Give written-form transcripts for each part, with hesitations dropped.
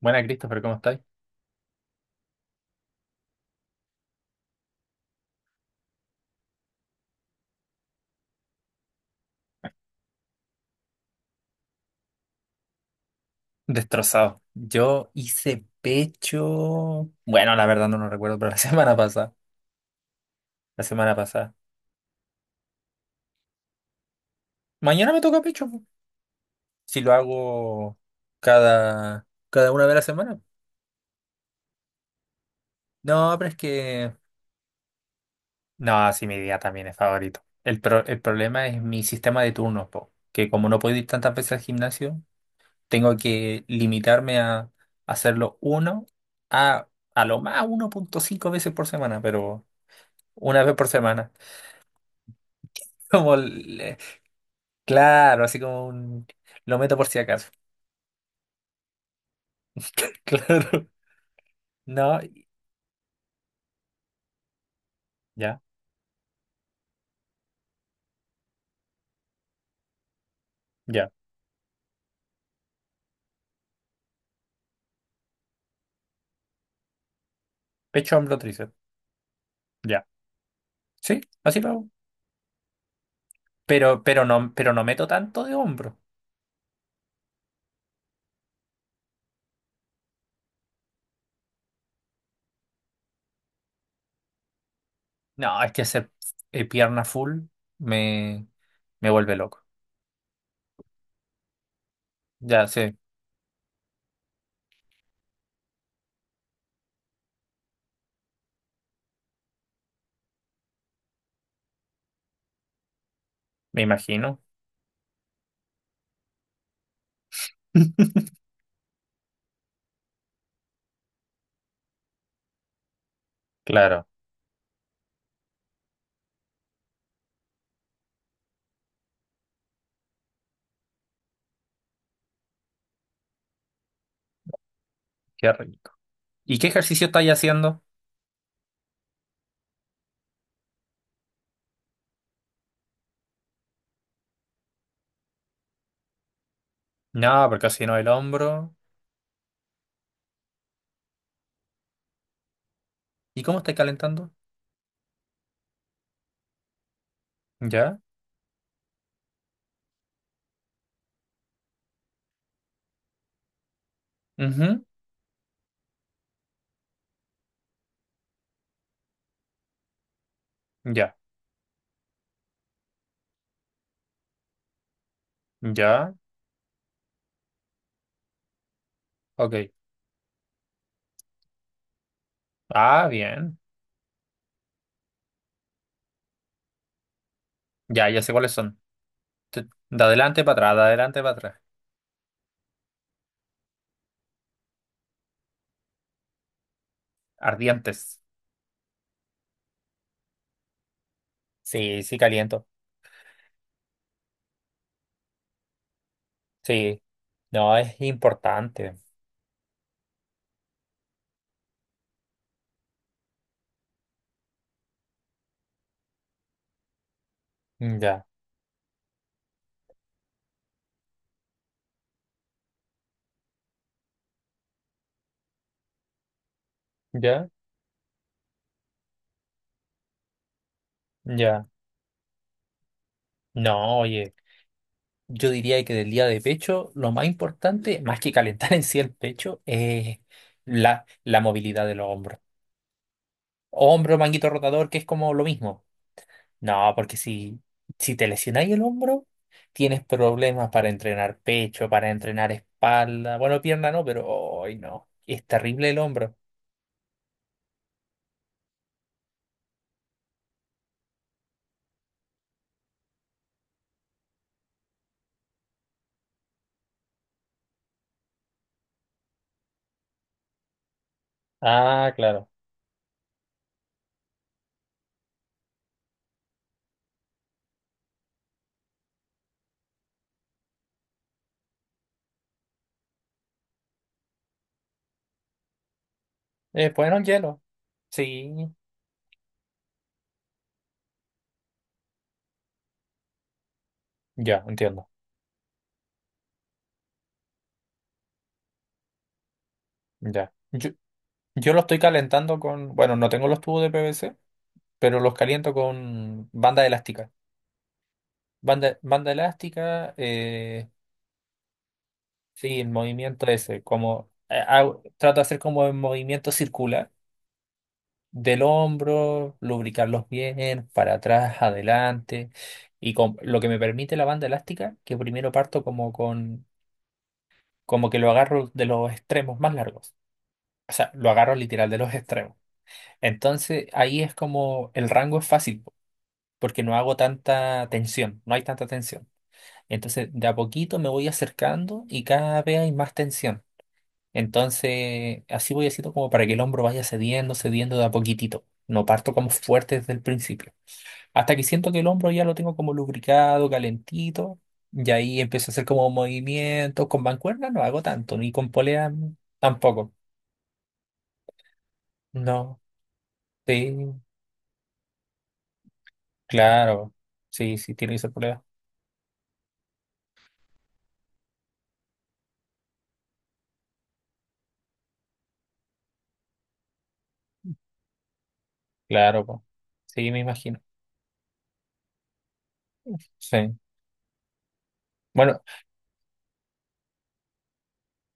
Buena, Christopher, ¿cómo estáis? Destrozado. Yo hice pecho. Bueno, la verdad no lo recuerdo, pero la semana pasada. La semana pasada. Mañana me toca pecho, po. Si lo hago cada una vez a la semana. No, pero es que. No, sí, mi día también es favorito. El problema es mi sistema de turnos, po, que como no puedo ir tantas veces al gimnasio, tengo que limitarme a hacerlo uno a, a lo más 1,5 veces por semana, pero una vez por semana. Como, claro, así como un... Lo meto por si acaso. Claro. No, ya, ya. Pecho, hombro, tríceps. Ya. Sí, así lo hago. Pero no meto tanto de hombro. No, es que hacer pierna full me, me vuelve loco. Ya, sé. Me imagino. Claro, qué rico. ¿Y qué ejercicio estáis haciendo? No, porque así no el hombro. ¿Y cómo estáis calentando? Ya, ujú. Ya, ya. Ok. Ah, bien. Ya, ya sé cuáles son. De adelante para atrás, de adelante para atrás. Ardientes. Sí, sí, caliento. Sí. No, es importante. Mm, ya, ya, ya. No, oye, yo diría que del día de pecho, lo más importante, más que calentar en sí el pecho, es la movilidad de los hombros. Hombro, manguito rotador, que es como lo mismo. No, porque si te lesionáis el hombro, tienes problemas para entrenar pecho, para entrenar espalda. Bueno, pierna no, pero hoy no. Es terrible el hombro. Ah, claro. Bueno, el hielo. Sí. Ya, entiendo. Ya. Yo lo estoy calentando con. Bueno, no tengo los tubos de PVC, pero los caliento con banda elástica. Banda elástica, sí, el movimiento ese. Como, trato de hacer como el movimiento circular del hombro, lubricarlos bien, para atrás, adelante. Y con, lo que me permite la banda elástica, que primero parto como con, como que lo agarro de los extremos más largos. O sea, lo agarro literal de los extremos. Entonces ahí es como el rango es fácil, po, porque no hago tanta tensión, no hay tanta tensión. Entonces de a poquito me voy acercando y cada vez hay más tensión. Entonces así voy haciendo como para que el hombro vaya cediendo, cediendo de a poquitito. No parto como fuerte desde el principio. Hasta que siento que el hombro ya lo tengo como lubricado, calentito, y ahí empiezo a hacer como movimientos. Con mancuerna no hago tanto, ni con polea tampoco. No, sí, claro. Sí, sí, tiene que ser polea. Claro, po. Sí, me imagino. Sí. Bueno,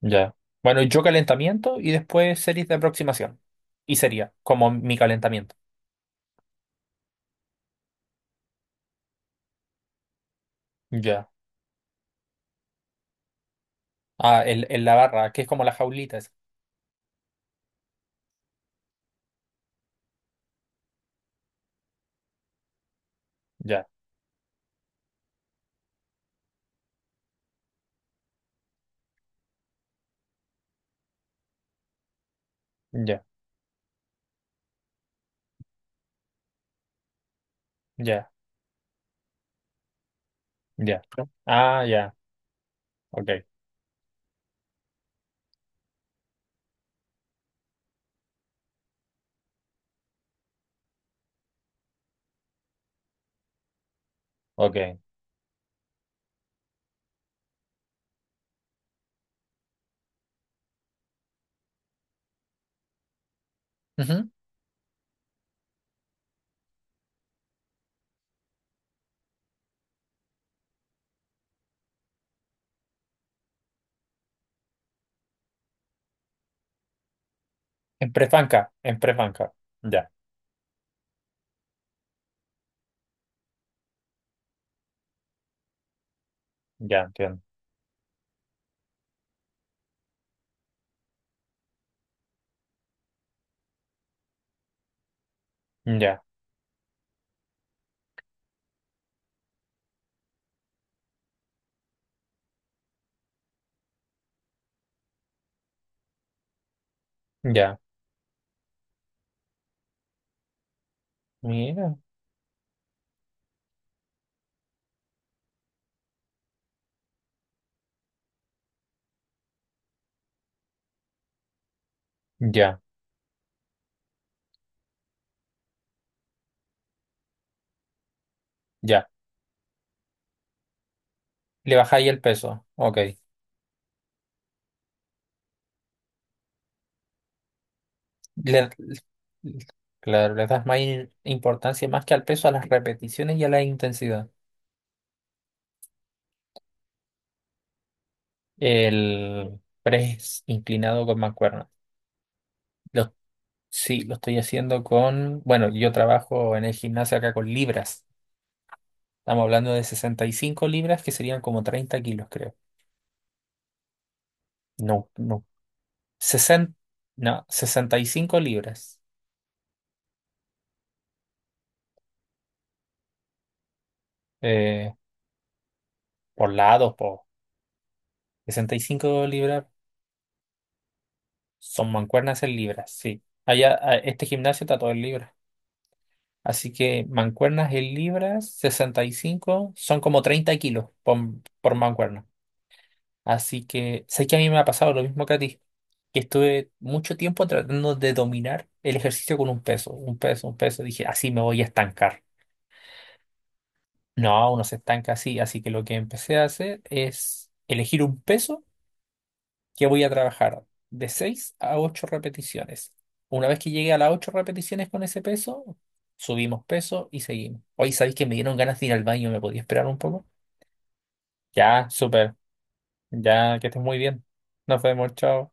ya. Bueno, yo calentamiento y después series de aproximación. Y sería como mi calentamiento. Ya. Ah, en la barra, que es como las jaulitas. Ya, ya, ya, ya. Ah, ya. Ok, ok. Ujú. En prefanca, en prefanca. Ya, ya, entiendo. Ya, ya. Mira, ya, ya. Le baja ahí el peso. Ok. Le- claro, le das más importancia más que al peso, a las repeticiones y a la intensidad. El press inclinado con mancuerna. Lo, sí, lo estoy haciendo con. Bueno, yo trabajo en el gimnasio acá con libras. Estamos hablando de 65 libras, que serían como 30 kilos, creo. No, no, 60, no, 65 libras. eh, por lados, por 65 libras, son mancuernas en libras, sí. Allá, este gimnasio está todo en libras. Así que mancuernas en libras, 65 son como 30 kilos por mancuerna. Así que sé que a mí me ha pasado lo mismo que a ti, que estuve mucho tiempo tratando de dominar el ejercicio con un peso, un peso, un peso. Dije, así me voy a estancar. No, uno se estanca así. Así que lo que empecé a hacer es elegir un peso que voy a trabajar de 6 a 8 repeticiones. Una vez que llegue a las 8 repeticiones con ese peso, subimos peso y seguimos. Hoy sabéis que me dieron ganas de ir al baño, ¿me podía esperar un poco? Ya, súper. Ya, que estés muy bien. Nos vemos, chao.